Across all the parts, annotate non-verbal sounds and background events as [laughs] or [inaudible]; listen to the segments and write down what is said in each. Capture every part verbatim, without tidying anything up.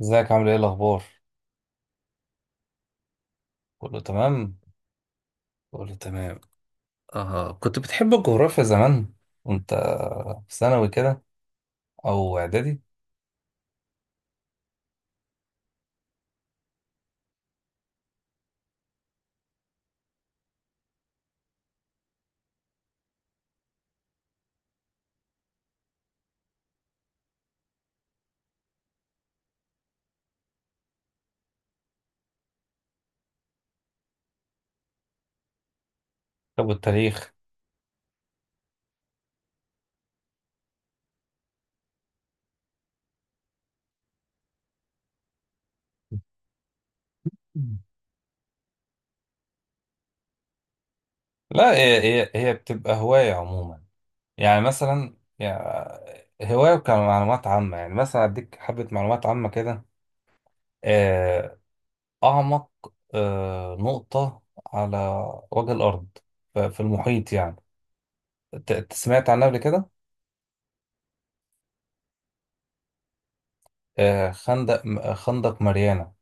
ازيك عامل ايه الاخبار؟ كله تمام. كله تمام. آه، كنت بتحب الجغرافيا زمان وانت في ثانوي كده او اعدادي؟ طب التاريخ؟ لا، هي هي هي بتبقى هواية عموما. يعني مثلا، يعني هواية كمعلومات عامة. يعني مثلا أديك حبة معلومات عامة كده. آه، أعمق آه، نقطة على وجه الأرض، ف- في المحيط، يعني ت- ت- سمعت عنها قبل كده؟ آه، خندق خندق ماريانا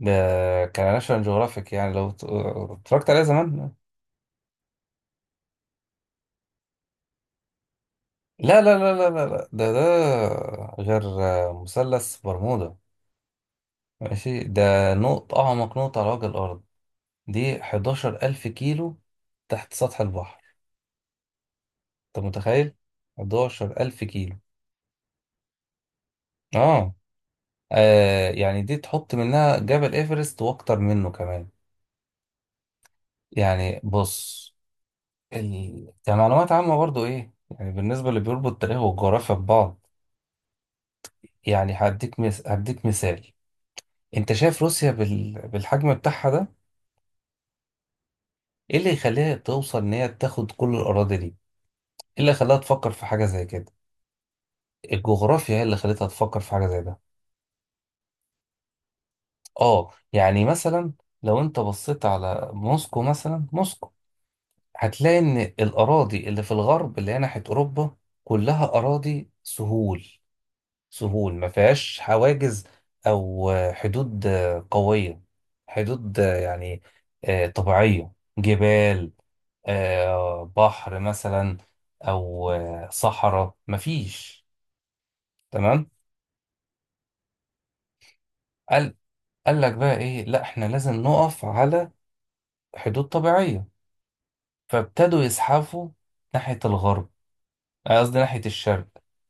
ده كان ناشونال جيوغرافيك، يعني لو ت- اتفرجت عليه زمان. لا، لا، لا، لا، لا، لا. ده ده غير مثلث برمودا. ماشي، ده نقط أعمق نقطة على وجه الأرض. دي احداشر الف ألف كيلو تحت سطح البحر. أنت متخيل؟ أحد عشر ألف ألف كيلو. آه. آه، يعني دي تحط منها جبل إيفرست وأكتر منه كمان. يعني بص، ال... كمعلومات عامة برضو، إيه يعني بالنسبة اللي بيربط التاريخ والجغرافيا ببعض. يعني هديك مس... هديك مثال. انت شايف روسيا بال... بالحجم بتاعها ده؟ ايه اللي يخليها توصل ان هي تاخد كل الاراضي دي؟ ايه اللي خلاها تفكر في حاجه زي كده؟ الجغرافيا هي اللي خلتها تفكر في حاجه زي ده. اه، يعني مثلا، لو انت بصيت على موسكو، مثلا موسكو هتلاقي ان الاراضي اللي في الغرب، اللي هي ناحيه اوروبا، كلها اراضي سهول. سهول ما فيهاش حواجز، او آه، حدود آه، قويه، حدود آه، يعني آه، طبيعيه، جبال، آه، بحر مثلا، او آه، صحراء، ما فيش. تمام. قال قال لك بقى ايه، لا، احنا لازم نقف على حدود طبيعيه. فابتدوا يزحفوا ناحيه الغرب، آه، قصدي ناحيه الشرق.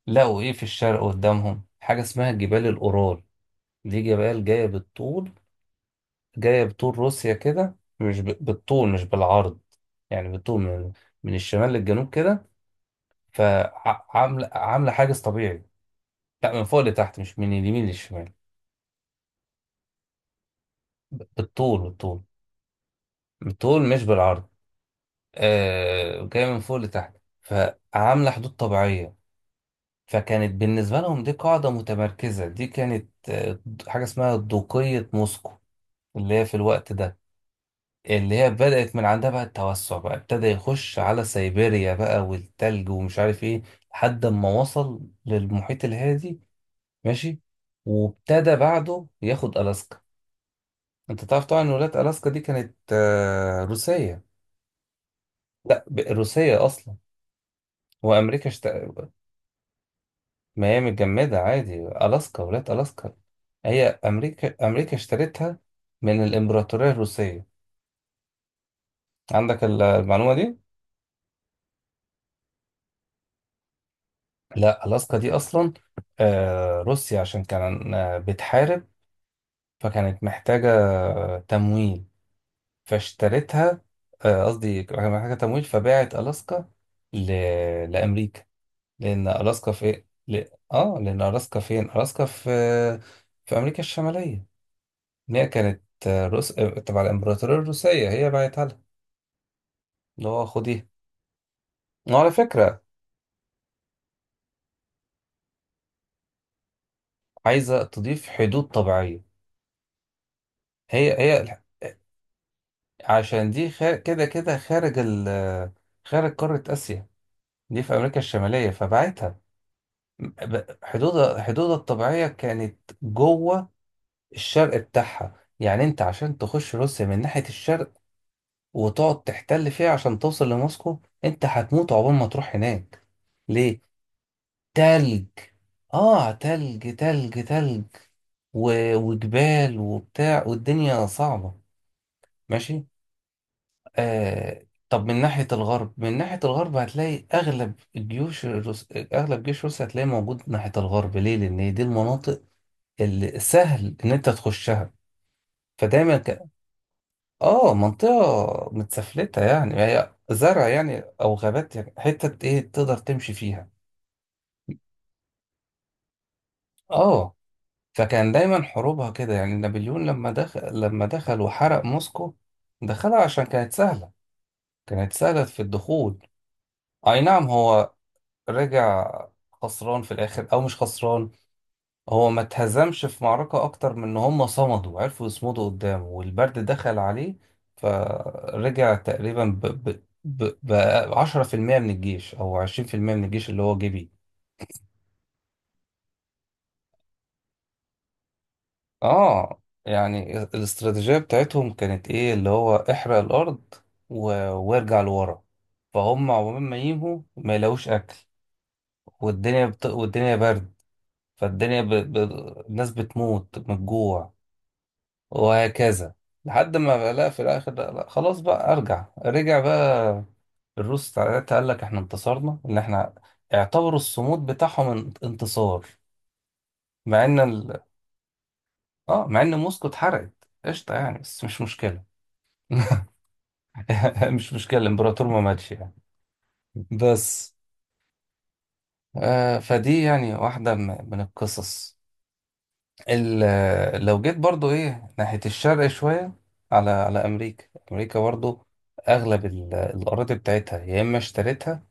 لقوا ايه في الشرق قدامهم؟ حاجه اسمها جبال الاورال. دي جبال جايه بالطول، جاية بطول روسيا كده، مش ب- بالطول مش بالعرض. يعني بالطول، من من الشمال للجنوب كده. فعاملة عاملة حاجز طبيعي. لا، من فوق لتحت مش من اليمين للشمال. ب- بالطول بالطول. بالطول مش بالعرض. آه، جاية من فوق لتحت. فعاملة حدود طبيعية. فكانت بالنسبة لهم دي قاعدة متمركزة. دي كانت آه، حاجة اسمها دوقية موسكو، اللي هي في الوقت ده، اللي هي بدأت من عندها بقى التوسع، بقى ابتدى يخش على سيبيريا بقى والتلج ومش عارف ايه لحد ما وصل للمحيط الهادي. ماشي، وابتدى بعده ياخد ألاسكا. انت تعرف طبعا ان ولاية ألاسكا دي كانت آه، روسية. لا، ب- روسية اصلا. وامريكا شت... ما هي متجمدة عادي. ألاسكا، ولاية ألاسكا، هي امريكا امريكا اشترتها من الامبراطورية الروسية. عندك المعلومة دي؟ لا، ألاسكا دي أصلا، آه، روسيا عشان كان آه، بتحارب، فكانت محتاجة آه، تمويل فاشترتها. آه، قصدي كانت محتاجة تمويل فباعت ألاسكا ل... لأمريكا. لأن ألاسكا في ل... آه لأن ألاسكا فين؟ ألاسكا في في أمريكا الشمالية. إن هي كانت آه، روس آه، تبع الإمبراطورية الروسية، هي باعتها لها اللي هو خديها. وعلى فكرة، عايزة تضيف حدود طبيعية. هي هي عشان دي خا- كده كده خارج ال خارج قارة آسيا. دي في أمريكا الشمالية فبعتها. ب- حدود حدودها الطبيعية كانت جوه الشرق بتاعها. يعني أنت عشان تخش روسيا من ناحية الشرق وتقعد تحتل فيها عشان توصل لموسكو، أنت هتموت عقبال ما تروح هناك. ليه؟ تلج. آه، تلج تلج تلج و... وجبال وبتاع والدنيا صعبة. ماشي. آه طب من ناحية الغرب، من ناحية الغرب هتلاقي أغلب الجيوش الروس... أغلب جيش روسيا هتلاقيه موجود من ناحية الغرب. ليه؟ لأن هي دي المناطق اللي سهل إن أنت تخشها. فدايما ك... آه منطقة متسفلتة، يعني هي زرع يعني، أو غابات، يعني حتة إيه تقدر تمشي فيها. آه، فكان دايما حروبها كده. يعني نابليون لما دخل لما دخل وحرق موسكو، دخلها عشان كانت سهلة، كانت سهلة في الدخول. أي نعم، هو رجع خسران في الاخر، او مش خسران، هو ما اتهزمش في معركة اكتر من ان هم صمدوا، عرفوا يصمدوا قدامه والبرد دخل عليه. فرجع تقريبا ب ب ب ب عشرة في المية من الجيش او عشرين في المية من الجيش اللي هو جه بيه. اه، يعني الاستراتيجية بتاعتهم كانت ايه؟ اللي هو احرق الارض و... وارجع لورا. فهم عقبال ما ينهوا ما يلاقوش اكل، والدنيا بت... والدنيا برد. فالدنيا ب... ب... الناس بتموت من الجوع وهكذا، لحد ما لا، في الاخر، لا لا، خلاص بقى، ارجع. رجع بقى. الروس ساعتها قال لك احنا انتصرنا، ان احنا اعتبروا الصمود بتاعهم ان- انتصار. مع ان ال... اه، مع ان موسكو اتحرقت. قشطه يعني، بس مش مشكله. [laughs] مش مشكله، الامبراطور ما ماتش يعني، بس. آه، فدي يعني واحده م- من القصص. ال- لو جيت برضو، ايه، ناحية الشرق شوية، على على أمريكا، أمريكا برضو أغلب ال- الأراضي بتاعتها يا إما اشتريتها،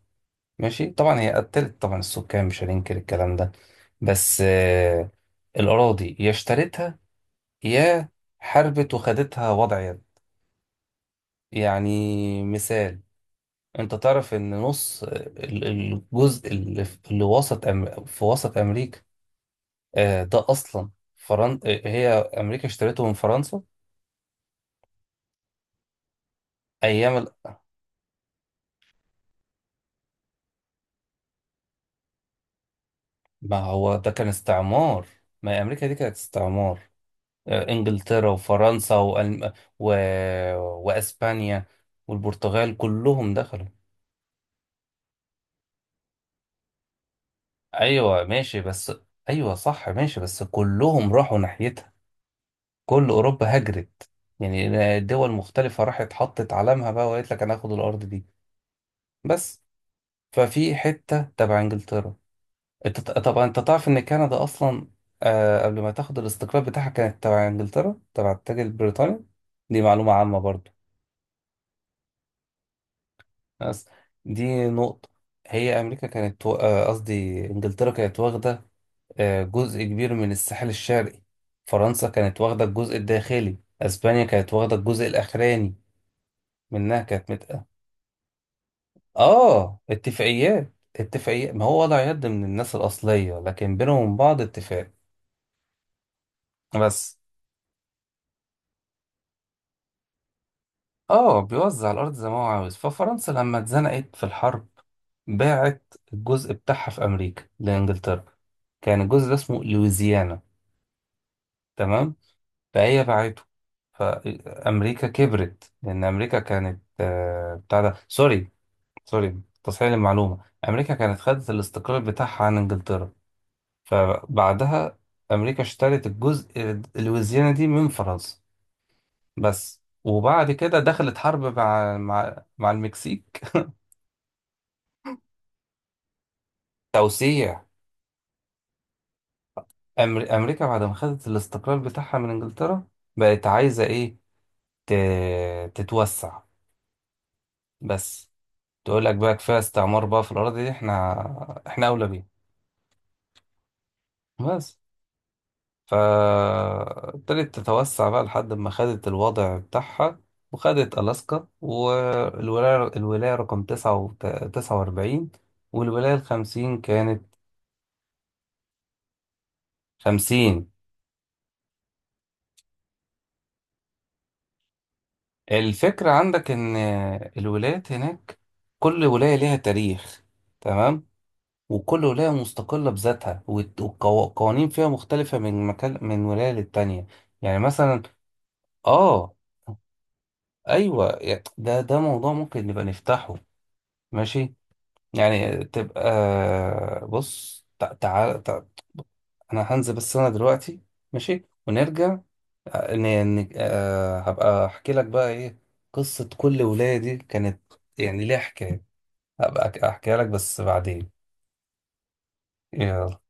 ماشي، طبعا هي قتلت طبعا السكان، مش هننكر الكلام ده، بس آه، الأراضي يا اشتريتها، يا حاربت وخدتها وضع يد. يعني مثال، أنت تعرف إن نص آه، ال- الجزء اللي في اللي وسط أم- في وسط أمريكا، آه، ده أصلا فرن... آه، هي أمريكا اشتريته من فرنسا، ايام، ما هو ده كان استعمار. ما هي امريكا دي كانت استعمار. آه، انجلترا وفرنسا وألم... و... واسبانيا والبرتغال كلهم دخلوا. ايوه ماشي، بس، ايوه صح ماشي، بس كلهم راحوا ناحيتها. كل اوروبا هجرت، يعني دول مختلفه راحت، حطت علامها بقى، وقالت لك انا هاخد الارض دي، بس. ففي حته تبع انجلترا. انت ط- طبعا انت تعرف ان كندا اصلا، آه، قبل ما تاخد الاستقلال بتاعها، كانت تبع انجلترا، تبع التاج البريطاني. دي معلومة عامة برضو، بس. دي نقطة، هي امريكا كانت و- آه، قصدي انجلترا كانت واخدة آه، جزء كبير من الساحل الشرقي. فرنسا كانت واخدة الجزء الداخلي، اسبانيا كانت واخدة الجزء الاخراني منها، كانت مت... اه، اتفاقيات، اتفاقيات، ما هو وضع يد من الناس الاصلية لكن بينهم بعض اتفاق، بس. اه، بيوزع الارض زي ما هو عاوز. ففرنسا لما اتزنقت في الحرب، باعت الجزء بتاعها في امريكا لانجلترا. كان الجزء ده اسمه لويزيانا، تمام، فهي باعته. فامريكا كبرت لان امريكا كانت آه، بتاع ده، سوري، سوري، تصحيح المعلومه، امريكا كانت خدت الاستقلال بتاعها عن انجلترا، فبعدها امريكا اشترت الجزء لويزيانا دي من فرنسا، بس. وبعد كده دخلت حرب مع مع مع المكسيك. توسيع. أمر- أمريكا بعد ما خدت الاستقلال بتاعها من إنجلترا، بقت عايزة إيه؟ ت... تتوسع، بس. تقول لك بقى كفاية استعمار بقى في الأراضي دي، إحنا إحنا أولى بيها، بس. فابتدت تتوسع بقى لحد ما خدت الوضع بتاعها، وخدت ألاسكا، والولاية الولاية رقم تسعة وت- تسعة وأربعين، والولاية الخمسين كانت خمسين. الفكرة عندك إن الولايات هناك، كل ولاية ليها تاريخ، تمام، وكل ولاية مستقلة بذاتها، والت- والقوا- والقوانين فيها مختلفة من مكان، من ولاية للتانية. يعني مثلا، اه، ايوه، يا- ده ده موضوع ممكن نبقى نفتحه. ماشي، يعني تبقى، بص، تع- تعال تع- انا هنزل بس انا دلوقتي، ماشي، ونرجع، آه، ن- ن- آه، هبقى احكي لك بقى ايه قصة كل ولاية. دي كانت يعني ليها حكاية، هبقى أك- احكيها لك، بس بعدين. يلا.